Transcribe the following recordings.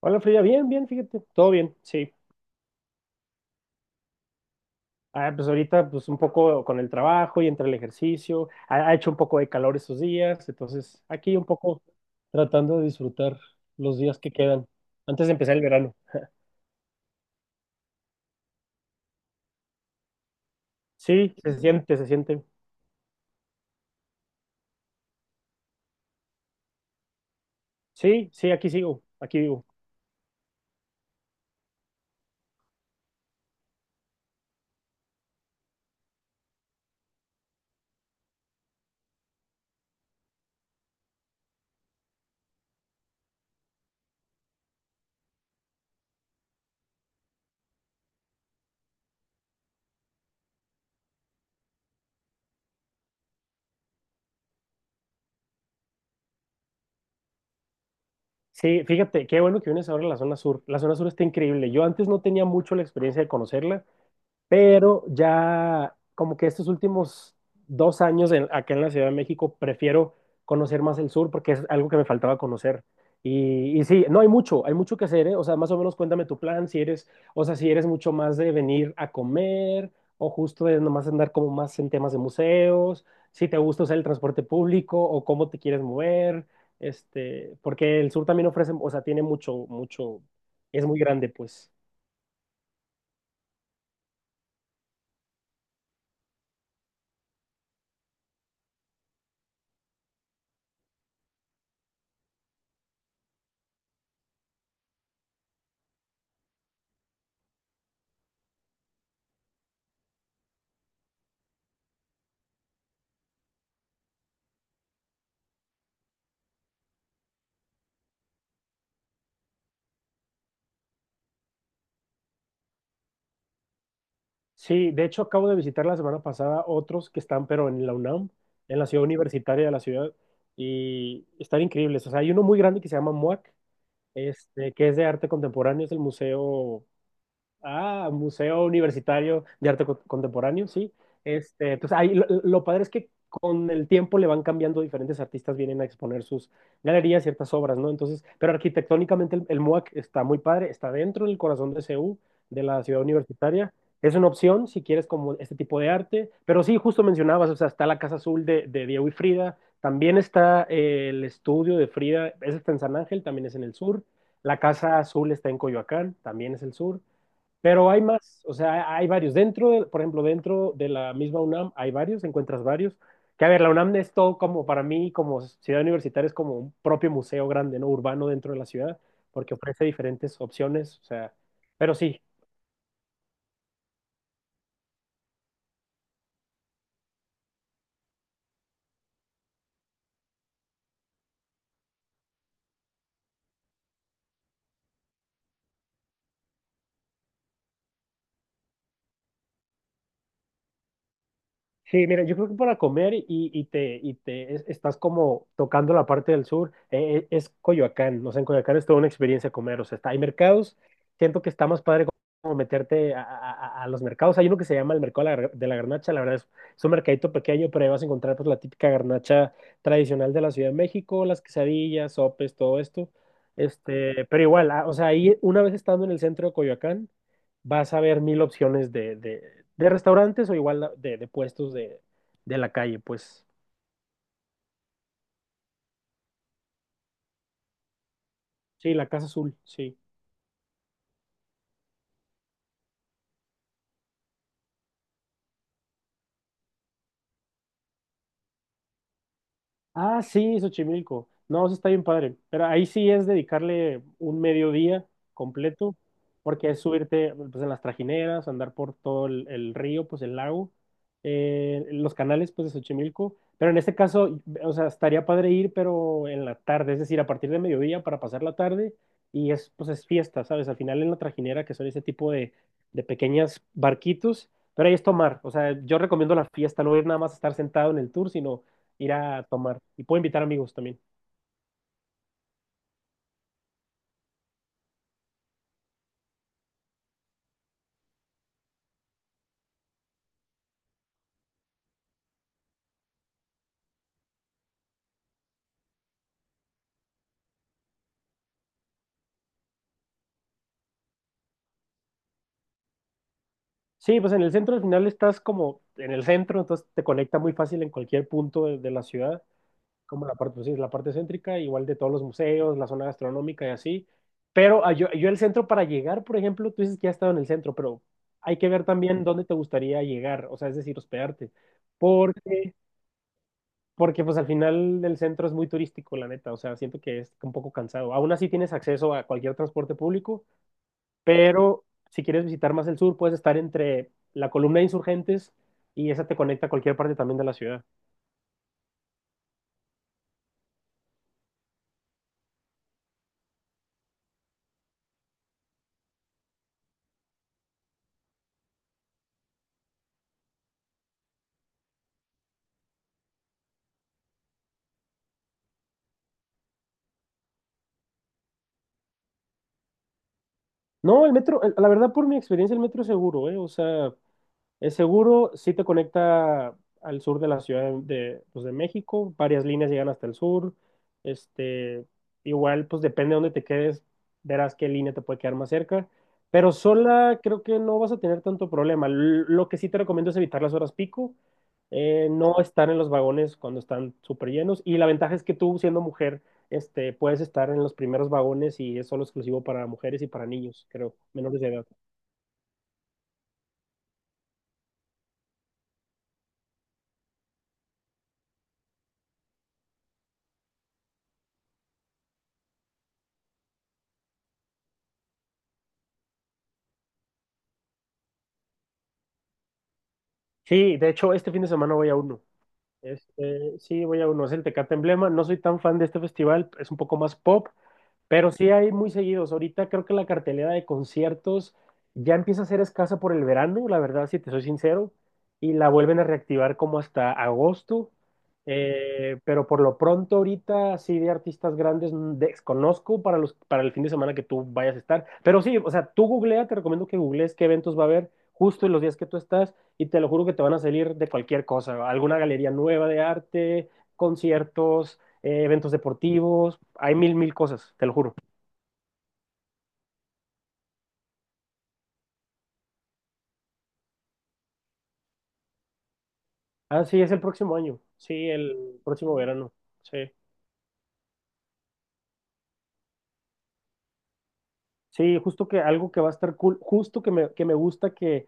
Hola Frida, bien, bien, fíjate, todo bien, sí. Ah, pues ahorita pues un poco con el trabajo y entre el ejercicio, ha hecho un poco de calor estos días, entonces aquí un poco tratando de disfrutar los días que quedan antes de empezar el verano. Sí, se siente, se siente. Sí, sí, aquí sigo, aquí vivo. Sí, fíjate, qué bueno que vienes ahora a la zona sur. La zona sur está increíble. Yo antes no tenía mucho la experiencia de conocerla, pero ya como que estos últimos dos años acá en la Ciudad de México prefiero conocer más el sur porque es algo que me faltaba conocer. Y sí, no hay mucho, hay mucho que hacer, ¿eh? O sea, más o menos cuéntame tu plan, si eres, o sea, si eres mucho más de venir a comer o justo de nomás andar como más en temas de museos, si te gusta usar el transporte público o cómo te quieres mover, este, porque el sur también ofrece, o sea, tiene mucho, mucho, es muy grande, pues. Sí, de hecho acabo de visitar la semana pasada otros que están, pero en la UNAM, en la ciudad universitaria de la ciudad, y están increíbles. O sea, hay uno muy grande que se llama MUAC, este, que es de arte contemporáneo, es el museo. Ah, Museo Universitario de Arte Contemporáneo, sí. Este, pues ahí lo padre es que con el tiempo le van cambiando, diferentes artistas vienen a exponer sus galerías, ciertas obras, ¿no? Entonces, pero arquitectónicamente el MUAC está muy padre, está dentro del corazón de CU, de la ciudad universitaria. Es una opción si quieres como este tipo de arte, pero sí, justo mencionabas, o sea, está la Casa Azul de Diego y Frida, también está el estudio de Frida, ese está en San Ángel, también es en el sur. La Casa Azul está en Coyoacán, también es el sur. Pero hay más, o sea, hay varios. Dentro, por ejemplo, dentro de la misma UNAM hay varios, encuentras varios. Que a ver, la UNAM es todo como para mí, como ciudad universitaria, es como un propio museo grande, ¿no? Urbano dentro de la ciudad, porque ofrece diferentes opciones, o sea, pero sí. Sí, mira, yo creo que para comer y te estás como tocando la parte del sur, es Coyoacán, no sé, en Coyoacán es toda una experiencia comer, o sea, está, hay mercados, siento que está más padre como meterte a los mercados, hay uno que se llama el mercado de la garnacha, la verdad es un mercadito pequeño, pero ahí vas a encontrar pues la típica garnacha tradicional de la Ciudad de México, las quesadillas, sopes, todo esto, este, pero igual, ah, o sea, ahí una vez estando en el centro de Coyoacán, vas a ver mil opciones de restaurantes o igual de puestos de la calle, pues. Sí, la Casa Azul, sí. Ah, sí, Xochimilco. No, eso está bien padre. Pero ahí sí es dedicarle un mediodía completo, porque es subirte pues, en las trajineras, andar por todo el río, pues el lago, los canales pues de Xochimilco. Pero en este caso, o sea, estaría padre ir, pero en la tarde, es decir, a partir de mediodía para pasar la tarde y es fiesta, ¿sabes? Al final en la trajinera, que son ese tipo de pequeñas barquitos, pero ahí es tomar. O sea, yo recomiendo la fiesta, no ir nada más a estar sentado en el tour, sino ir a tomar. Y puedo invitar amigos también. Sí, pues en el centro al final estás como en el centro, entonces te conecta muy fácil en cualquier punto de la ciudad, como la parte, pues sí, la parte céntrica, igual de todos los museos, la zona gastronómica y así. Pero ah, yo el centro para llegar, por ejemplo, tú dices que has estado en el centro, pero hay que ver también dónde te gustaría llegar, o sea, es decir, hospedarte. Porque, porque pues al final el centro es muy turístico, la neta, o sea, siento que es un poco cansado. Aún así tienes acceso a cualquier transporte público, pero si quieres visitar más el sur, puedes estar entre la columna de insurgentes y esa te conecta a cualquier parte también de la ciudad. No, el metro, la verdad, por mi experiencia, el metro es seguro, ¿eh? O sea, es seguro, sí te conecta al sur de la Ciudad de México, varias líneas llegan hasta el sur, este, igual pues depende de dónde te quedes, verás qué línea te puede quedar más cerca, pero sola creo que no vas a tener tanto problema. Lo que sí te recomiendo es evitar las horas pico, no estar en los vagones cuando están súper llenos, y la ventaja es que tú siendo mujer, este, puedes estar en los primeros vagones y es solo exclusivo para mujeres y para niños, creo, menores de edad. Sí, de hecho, este fin de semana voy a uno. Este, sí, voy a conocer el Tecate Emblema. No soy tan fan de este festival, es un poco más pop, pero sí hay muy seguidos. Ahorita creo que la cartelera de conciertos ya empieza a ser escasa por el verano, la verdad, si te soy sincero, y la vuelven a reactivar como hasta agosto. Pero por lo pronto ahorita sí de artistas grandes desconozco para el fin de semana que tú vayas a estar. Pero sí, o sea, tú googlea, te recomiendo que googlees qué eventos va a haber justo en los días que tú estás y te lo juro que te van a salir de cualquier cosa, alguna galería nueva de arte, conciertos, eventos deportivos, hay mil, mil cosas, te lo juro. Ah, sí, es el próximo año, sí, el próximo verano, sí. Sí, justo que algo que va a estar cool, justo que me gusta que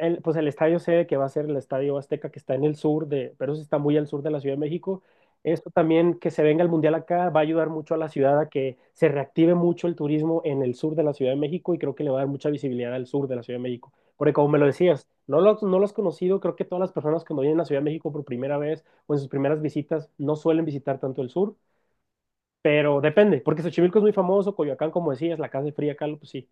el, pues el estadio sede que va a ser el Estadio Azteca que está en el sur de, pero eso está muy al sur de la Ciudad de México. Esto también que se venga el Mundial acá va a ayudar mucho a la ciudad a que se reactive mucho el turismo en el sur de la Ciudad de México y creo que le va a dar mucha visibilidad al sur de la Ciudad de México. Porque como me lo decías, no lo has conocido, creo que todas las personas cuando vienen a la Ciudad de México por primera vez o en sus primeras visitas no suelen visitar tanto el sur. Pero depende, porque Xochimilco es muy famoso, Coyoacán, como decías, la Casa de Fría acá, pues sí.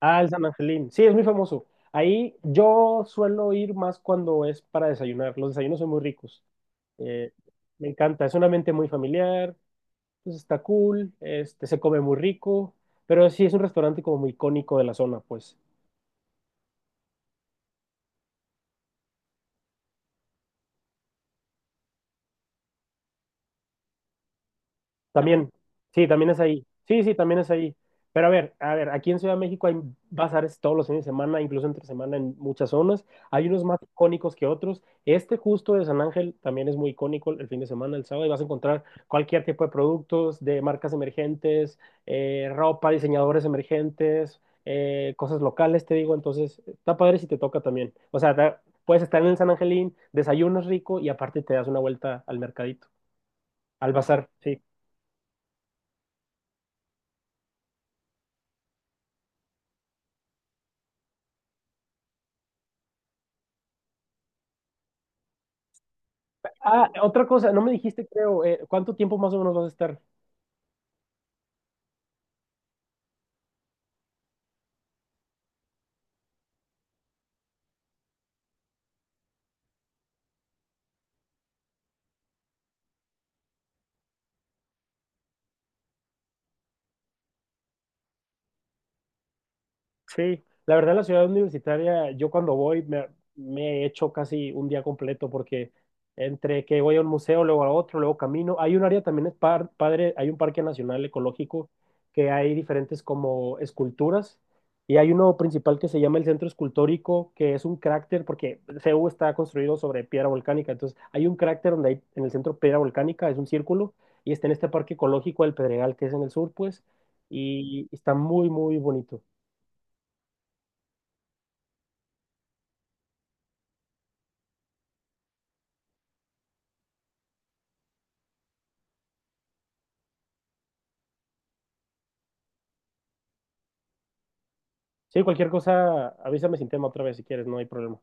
Ah, el San Angelín. Sí, es muy famoso. Ahí yo suelo ir más cuando es para desayunar. Los desayunos son muy ricos. Eh, Me encanta. Es un ambiente muy familiar. Pues está cool. Este, se come muy rico. Pero sí es un restaurante como muy icónico de la zona, pues. También, sí, también es ahí. Sí, sí, también es ahí. Pero a ver, aquí en Ciudad de México hay bazares todos los fines de semana, incluso entre semana en muchas zonas. Hay unos más icónicos que otros. Este justo de San Ángel también es muy icónico el fin de semana, el sábado, y vas a encontrar cualquier tipo de productos de marcas emergentes, ropa, diseñadores emergentes, cosas locales, te digo. Entonces, está padre si te toca también. O sea, puedes estar en el San Angelín, desayunas rico y aparte te das una vuelta al mercadito, al bazar, sí. Ah, otra cosa, no me dijiste, creo, ¿cuánto tiempo más o menos vas a estar? Sí, la verdad la ciudad universitaria, yo cuando voy me echo casi un día completo porque entre que voy a un museo, luego a otro, luego camino, hay un área también es padre, hay un parque nacional ecológico que hay diferentes como esculturas y hay uno principal que se llama el Centro Escultórico, que es un cráter porque CU está construido sobre piedra volcánica, entonces hay un cráter donde hay en el centro piedra volcánica, es un círculo y está en este parque ecológico del Pedregal que es en el sur, pues, y está muy, muy bonito. Sí, cualquier cosa, avísame sin tema otra vez si quieres, no hay problema.